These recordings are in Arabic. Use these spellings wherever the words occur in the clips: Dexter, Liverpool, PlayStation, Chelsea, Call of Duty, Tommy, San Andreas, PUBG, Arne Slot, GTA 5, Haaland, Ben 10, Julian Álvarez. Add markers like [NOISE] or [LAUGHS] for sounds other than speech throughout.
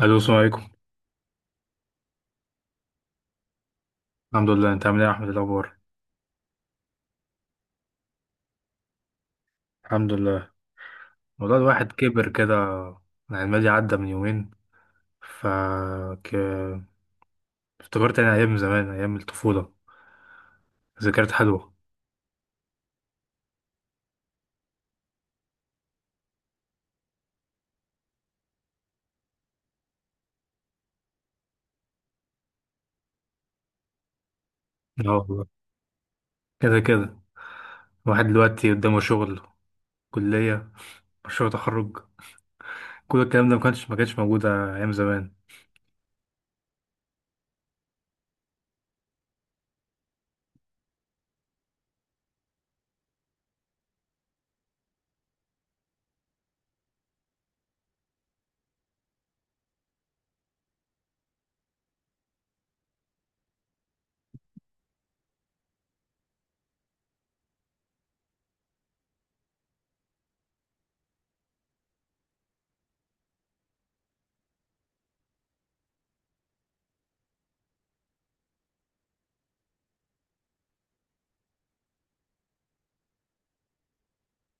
الو، السلام عليكم. الحمد لله، انت عامل ايه يا احمد؟ إيه الاخبار؟ الحمد لله. والله الواحد كبر كده، يعني الماضي عدى من يومين. ف ك... افتكرت يعني ايام زمان، ايام الطفوله. ذكريات حلوه. اه والله، كده كده. الواحد دلوقتي قدامه شغل، كليه، مشروع تخرج. كل الكلام ده ما كانش موجود ايام زمان.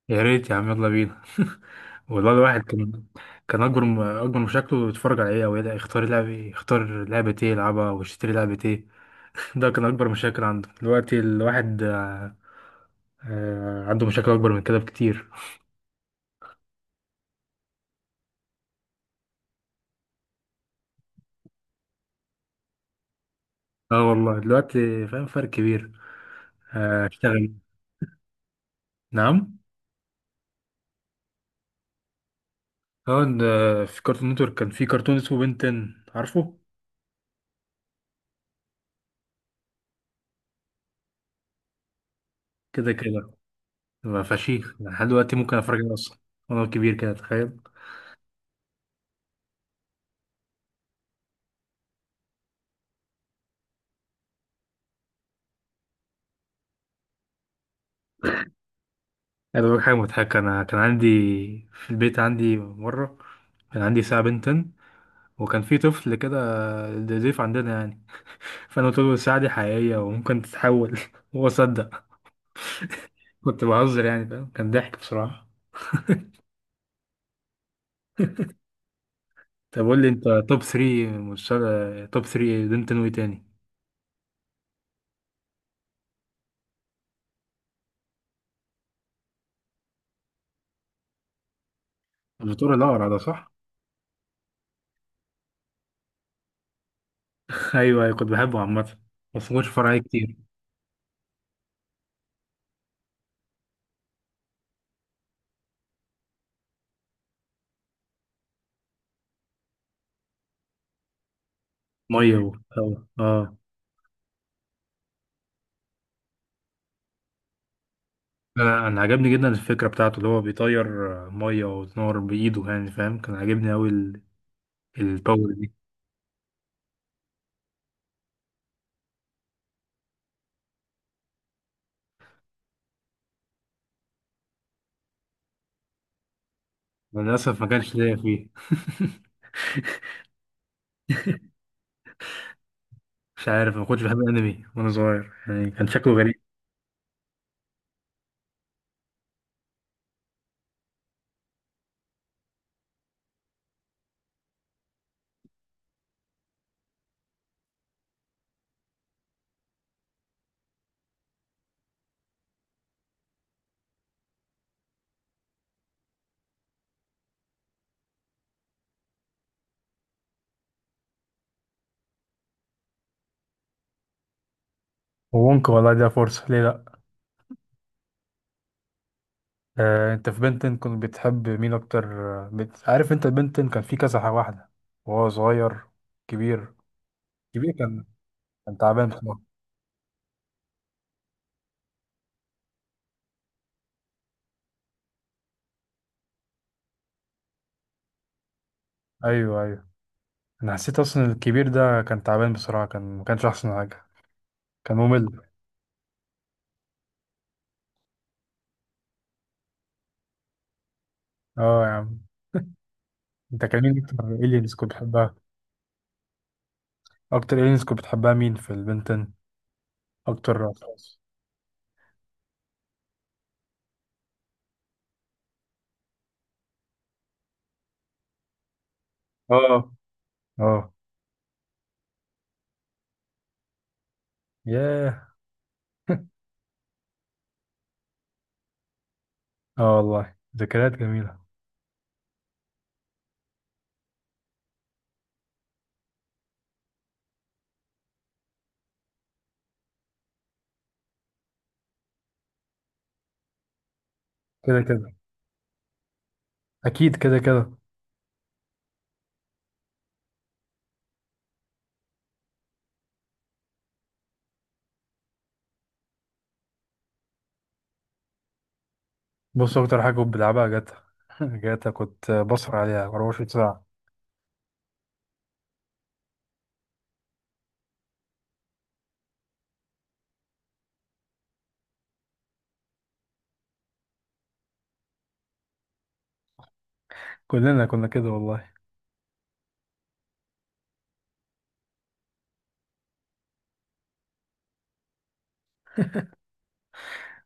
يا ريت يا عم، يلا بينا [LAUGHS] والله الواحد كان اكبر. اكبر مشاكله يتفرج على ايه، او يختار لعبه ايه يلعبها، ويشتري لعبه ايه. ده كان أكبر مشاكل عنده. دلوقتي الواحد عنده مشاكل أكبر من كده بكتير. اه والله، دلوقتي فاهم فرق كبير. اشتغل. نعم. اه إن، آه، في كارتون نتورك كان في كرتون اسمه بنتن، عارفه. كده كده، بقى فشيخ، لحد دلوقتي ممكن اتفرج عليه اصلا وانا كبير كده، تخيل. انا بقول حاجه مضحكه. انا كان عندي في البيت، عندي مره كان عندي ساعه بنتن، وكان في طفل كده ضيف عندنا يعني. فانا قلت له الساعه دي حقيقيه وممكن تتحول [LAUGHS] هو صدق. كنت بهزر يعني، فاهم؟ كان ضحك بصراحة. طب قول لي، انت توب 3، مسلسل توب 3، دينتون واي تاني؟ الدكتور الأقرع ده صح؟ [LAUGHS] ايوه ايوه، كنت بحبه عامة، بس ما كنتش بتفرج عليه كتير. مية و... أو. اه انا عجبني جدا الفكرة بتاعته، اللي هو بيطير مية وتنور بإيده، يعني فاهم؟ كان عاجبني اوي الباور دي. للأسف ما كانش ليا فيه. [LAUGHS] مش عارف، ما كنتش بحب الأنمي وأنا صغير، يعني كان شكله غريب. وممكن والله ده فرصة، ليه لأ؟ انت في بنتن كنت بتحب مين اكتر؟ عارف انت بنتن كان في كذا واحده، وهو صغير، كبير. كبير كان، كان تعبان بصراحه. ايوه ايوه، انا حسيت اصلا الكبير ده كان تعبان بصراحه، كان ما كانش احسن حاجه، كان ممل. اه يا عم، انت كان مين اكتر الينز كنت بتحبها؟ اكتر الينز كنت بتحبها مين في البنتن؟ اكتر اشخاص؟ اه. اه. ياه. اه والله، ذكريات جميله. كده كده، اكيد كده كده. بص، اكتر حاجه كنت بلعبها جاتا. [LAUGHS] جاتا، كنت بسهر عليها 24 ساعه. كلنا كنا كده والله.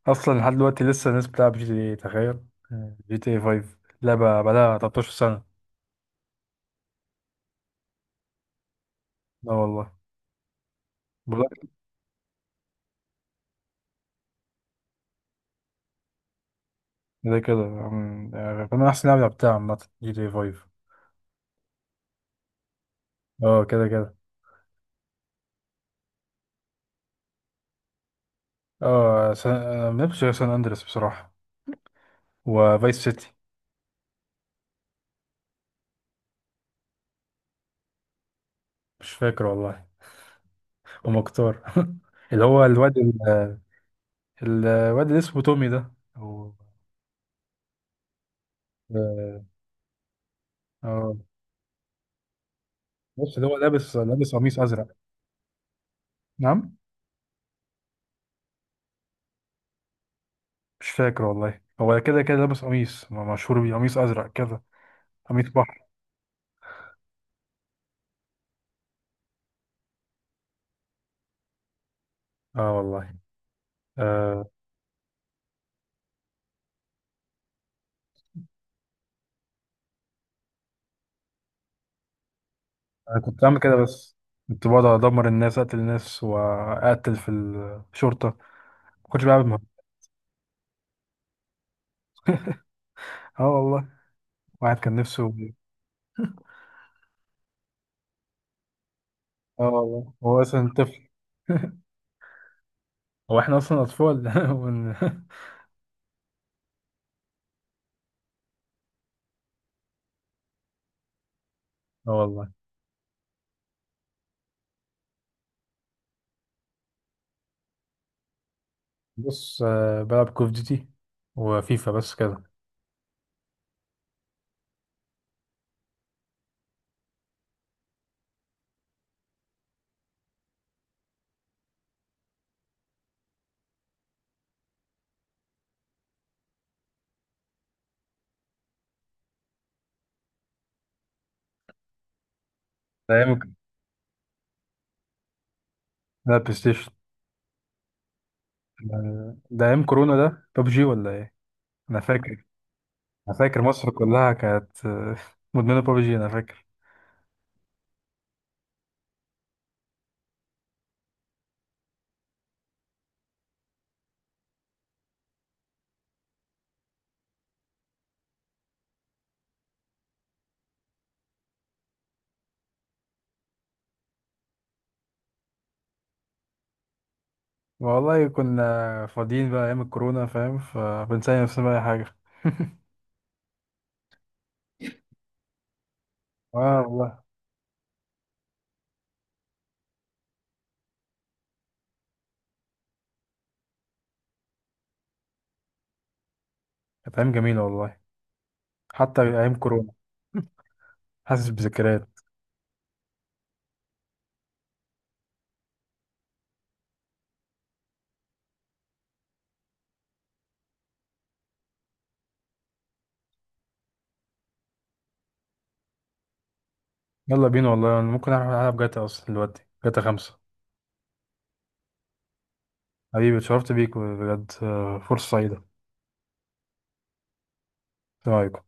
اصلا لحد دلوقتي لسه الناس بتلعب جي تي اي، تخيل. جي تي اي 5 لعبه بقالها 13 سنه. لا والله. بقولك، ده كده يعني كنا احسن لعبه لعبتها عامه جي تي اي 5. اه كده كده. اه سان... آه، ما لعبتش غير سان اندريس بصراحه، وفايس سيتي. مش فاكر والله. ومختار [LAUGHS] اللي هو الواد اللي اسمه تومي ده. أو- اه. آه. بص، اللي هو لابس قميص ازرق. نعم. مش فاكر والله، هو كده كده لابس قميص مشهور بيه، قميص ازرق كده، قميص بحر. اه والله. آه، انا كنت بعمل كده، بس كنت بقعد ادمر الناس، اقتل الناس، واقتل في الشرطه. ما كنتش بعمل مهم. اه والله، واحد كان نفسه. اه والله، هو اصلا طفل. [LAUGHS] هو احنا اصلا اطفال [LAUGHS] ون- اه والله. بص، بلعب كوف ديوتي وفيفا بس كده. لا يمكن. لا، بلاي ستيشن. ده ايام كورونا، ده ببجي ولا ايه؟ انا فاكر. انا فاكر مصر كلها كانت [LAUGHS] مدمنه ببجي، انا فاكر. والله كنا فاضيين بقى ايام الكورونا، فاهم؟ فبنسأل نفسنا بقى اي حاجه. اه والله، كانت ايام جميله والله، حتى ايام كورونا. حاسس بذكريات. يلا بينا والله، انا ممكن اروح العب جاتا اصلا دلوقتي، جاتا 5. حبيبي، اتشرفت بيك بجد، فرصه سعيده. السلام عليكم.